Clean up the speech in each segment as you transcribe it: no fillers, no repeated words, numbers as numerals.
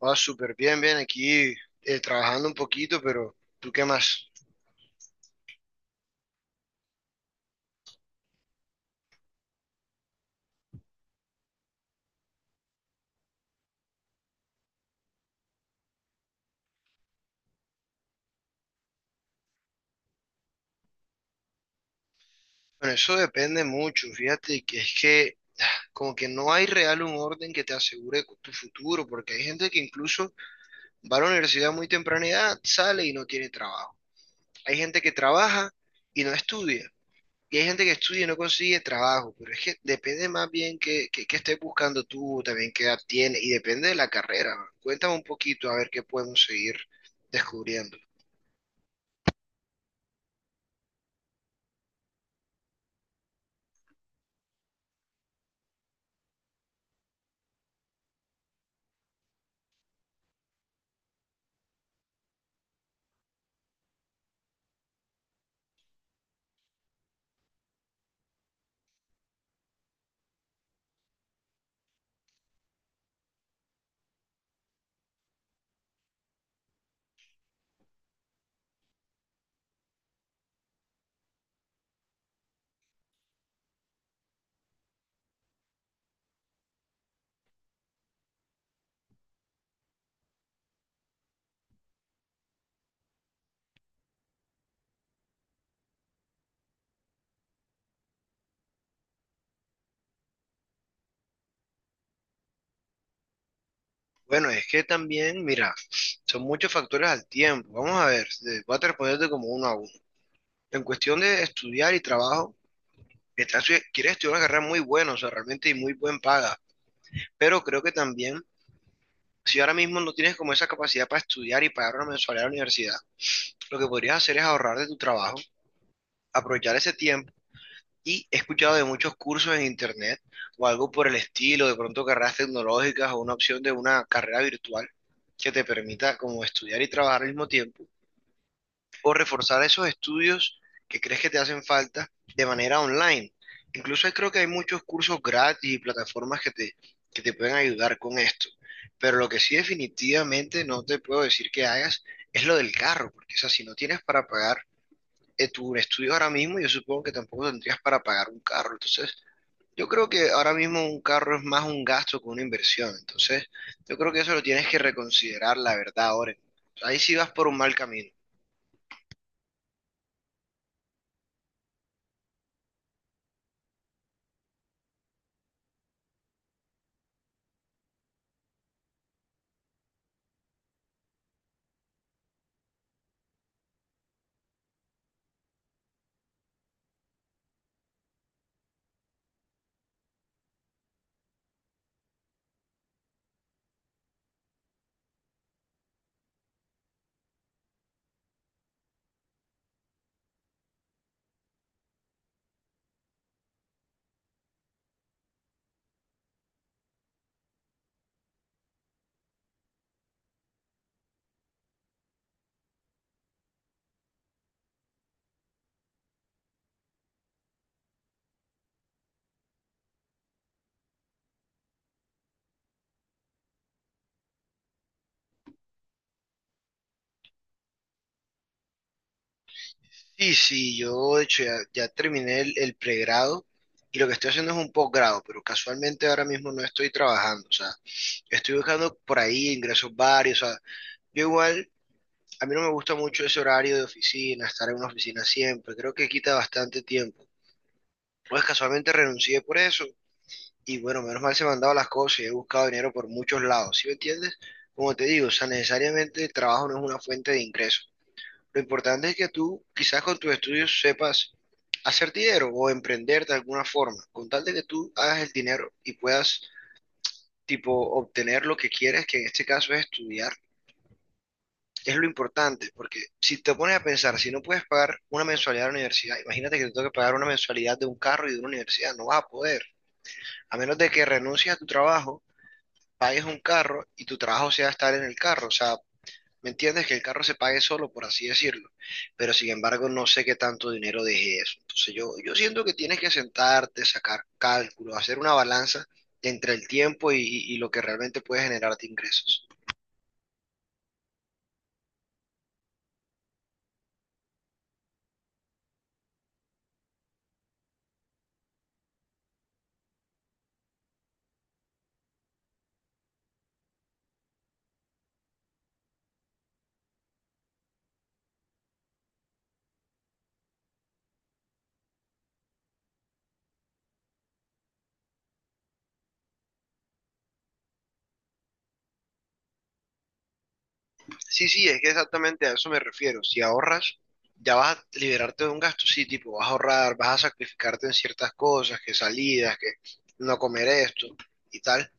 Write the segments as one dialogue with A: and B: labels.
A: Ah, súper bien, bien, aquí trabajando un poquito, pero ¿tú qué más? Bueno, eso depende mucho, fíjate que es que como que no hay real un orden que te asegure tu futuro, porque hay gente que incluso va a la universidad a muy temprana edad, sale y no tiene trabajo. Hay gente que trabaja y no estudia, y hay gente que estudia y no consigue trabajo, pero es que depende más bien que estés buscando tú, también qué edad tienes, y depende de la carrera, ¿no? Cuéntame un poquito a ver qué podemos seguir descubriendo. Bueno, es que también, mira, son muchos factores al tiempo. Vamos a ver, voy a responderte como uno a uno. En cuestión de estudiar y trabajo, quieres estudiar una carrera muy buena, o sea, realmente y muy buen paga. Pero creo que también, si ahora mismo no tienes como esa capacidad para estudiar y pagar una mensualidad a la universidad, lo que podrías hacer es ahorrar de tu trabajo, aprovechar ese tiempo. Y he escuchado de muchos cursos en internet o algo por el estilo, de pronto carreras tecnológicas o una opción de una carrera virtual que te permita como estudiar y trabajar al mismo tiempo o reforzar esos estudios que crees que te hacen falta de manera online. Incluso creo que hay muchos cursos gratis y plataformas que te pueden ayudar con esto. Pero lo que sí definitivamente no te puedo decir que hagas es lo del carro, porque o sea, si no tienes para pagar tu estudio ahora mismo, yo supongo que tampoco tendrías para pagar un carro. Entonces, yo creo que ahora mismo un carro es más un gasto que una inversión. Entonces, yo creo que eso lo tienes que reconsiderar, la verdad, ahora. Ahí sí vas por un mal camino. Sí, sí, yo de hecho ya terminé el pregrado y lo que estoy haciendo es un posgrado, pero casualmente ahora mismo no estoy trabajando, o sea, estoy buscando por ahí ingresos varios, o sea, yo igual, a mí no me gusta mucho ese horario de oficina, estar en una oficina siempre, creo que quita bastante tiempo. Pues casualmente renuncié por eso y bueno, menos mal se me han dado las cosas y he buscado dinero por muchos lados, ¿sí me entiendes? Como te digo, o sea, necesariamente el trabajo no es una fuente de ingresos. Lo importante es que tú, quizás con tus estudios, sepas hacer dinero o emprender de alguna forma, con tal de que tú hagas el dinero y puedas, tipo, obtener lo que quieres, que en este caso es estudiar, es lo importante, porque si te pones a pensar, si no puedes pagar una mensualidad de la universidad, imagínate que te toque pagar una mensualidad de un carro y de una universidad, no vas a poder, a menos de que renuncies a tu trabajo, pagues un carro y tu trabajo sea estar en el carro, o sea, ¿me entiendes? Que el carro se pague solo, por así decirlo. Pero sin embargo, no sé qué tanto dinero deje eso. Entonces yo siento que tienes que sentarte, sacar cálculos, hacer una balanza entre el tiempo y lo que realmente puede generarte ingresos. Sí, sí, es que exactamente a eso me refiero. Si ahorras, ya vas a liberarte de un gasto, sí, tipo, vas a ahorrar, vas a sacrificarte en ciertas cosas, que salidas, que no comer esto y tal,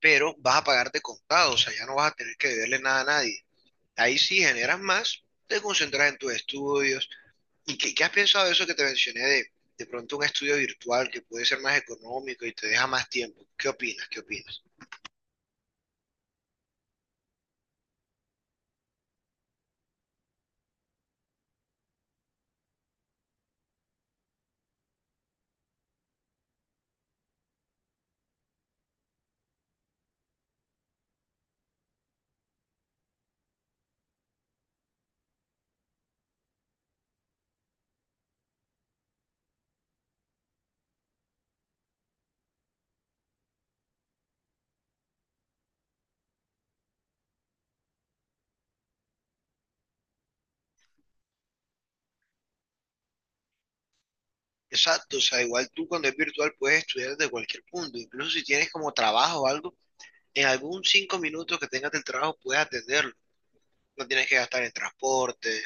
A: pero vas a pagarte contado, o sea, ya no vas a tener que deberle nada a nadie. Ahí sí generas más, te concentras en tus estudios. ¿Y qué has pensado de eso que te mencioné de pronto un estudio virtual que puede ser más económico y te deja más tiempo? ¿Qué opinas? ¿Qué opinas? Exacto, o sea, igual tú cuando es virtual puedes estudiar desde cualquier punto, incluso si tienes como trabajo o algo, en algún cinco minutos que tengas del trabajo puedes atenderlo, no tienes que gastar en transporte.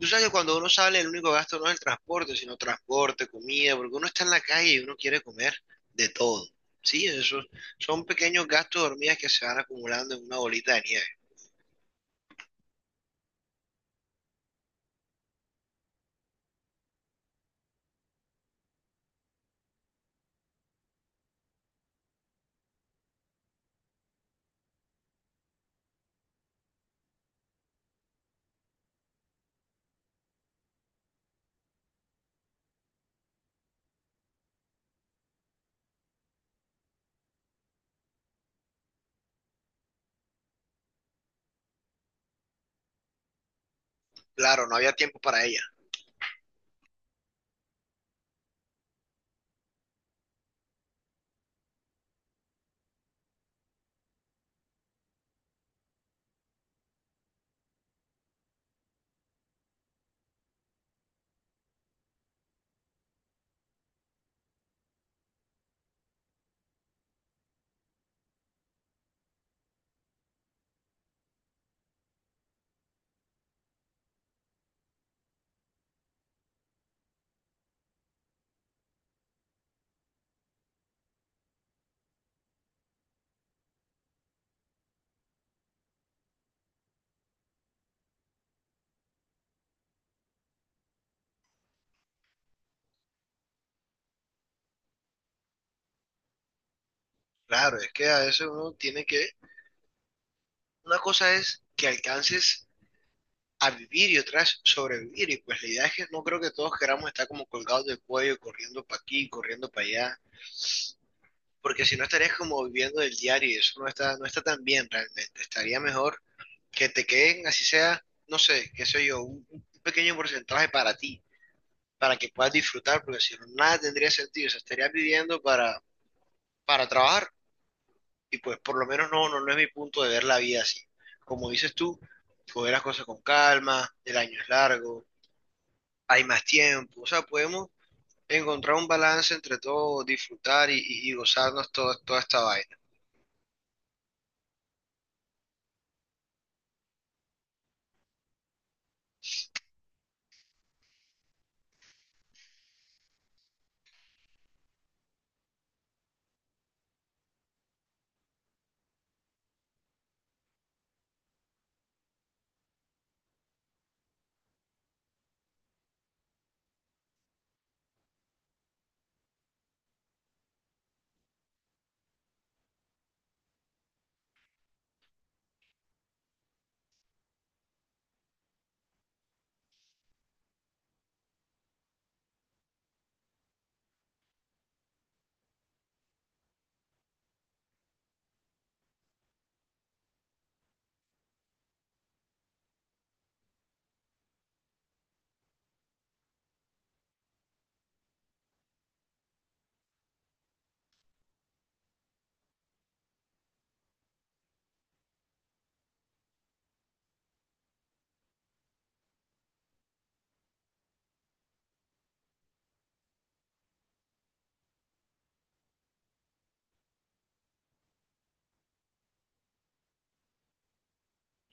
A: Tú sabes que cuando uno sale, el único gasto no es el transporte, sino transporte, comida, porque uno está en la calle y uno quiere comer de todo. Sí, esos son pequeños gastos de hormigas que se van acumulando en una bolita de nieve. Claro, no había tiempo para ella. Claro, es que a veces uno tiene que... Una cosa es que alcances a vivir y otra es sobrevivir. Y pues la idea es que no creo que todos queramos estar como colgados del cuello, corriendo para aquí, corriendo para allá, porque si no estarías como viviendo del diario y eso no está tan bien realmente. Estaría mejor que te queden, así sea, no sé, qué sé yo, un pequeño porcentaje para ti, para que puedas disfrutar, porque si no, nada tendría sentido, o sea, estarías viviendo para trabajar y pues por lo menos no es mi punto de ver la vida así. Como dices tú, coger las cosas con calma, el año es largo, hay más tiempo, o sea, podemos encontrar un balance entre todo, disfrutar y gozarnos toda esta vaina.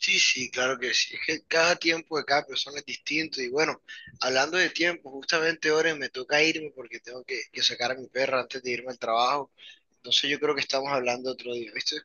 A: Sí, sí, claro que sí. Es que cada tiempo de cada persona es distinto. Y bueno, hablando de tiempo, justamente ahora me toca irme porque tengo que sacar a mi perra antes de irme al trabajo. Entonces yo creo que estamos hablando otro día, ¿viste?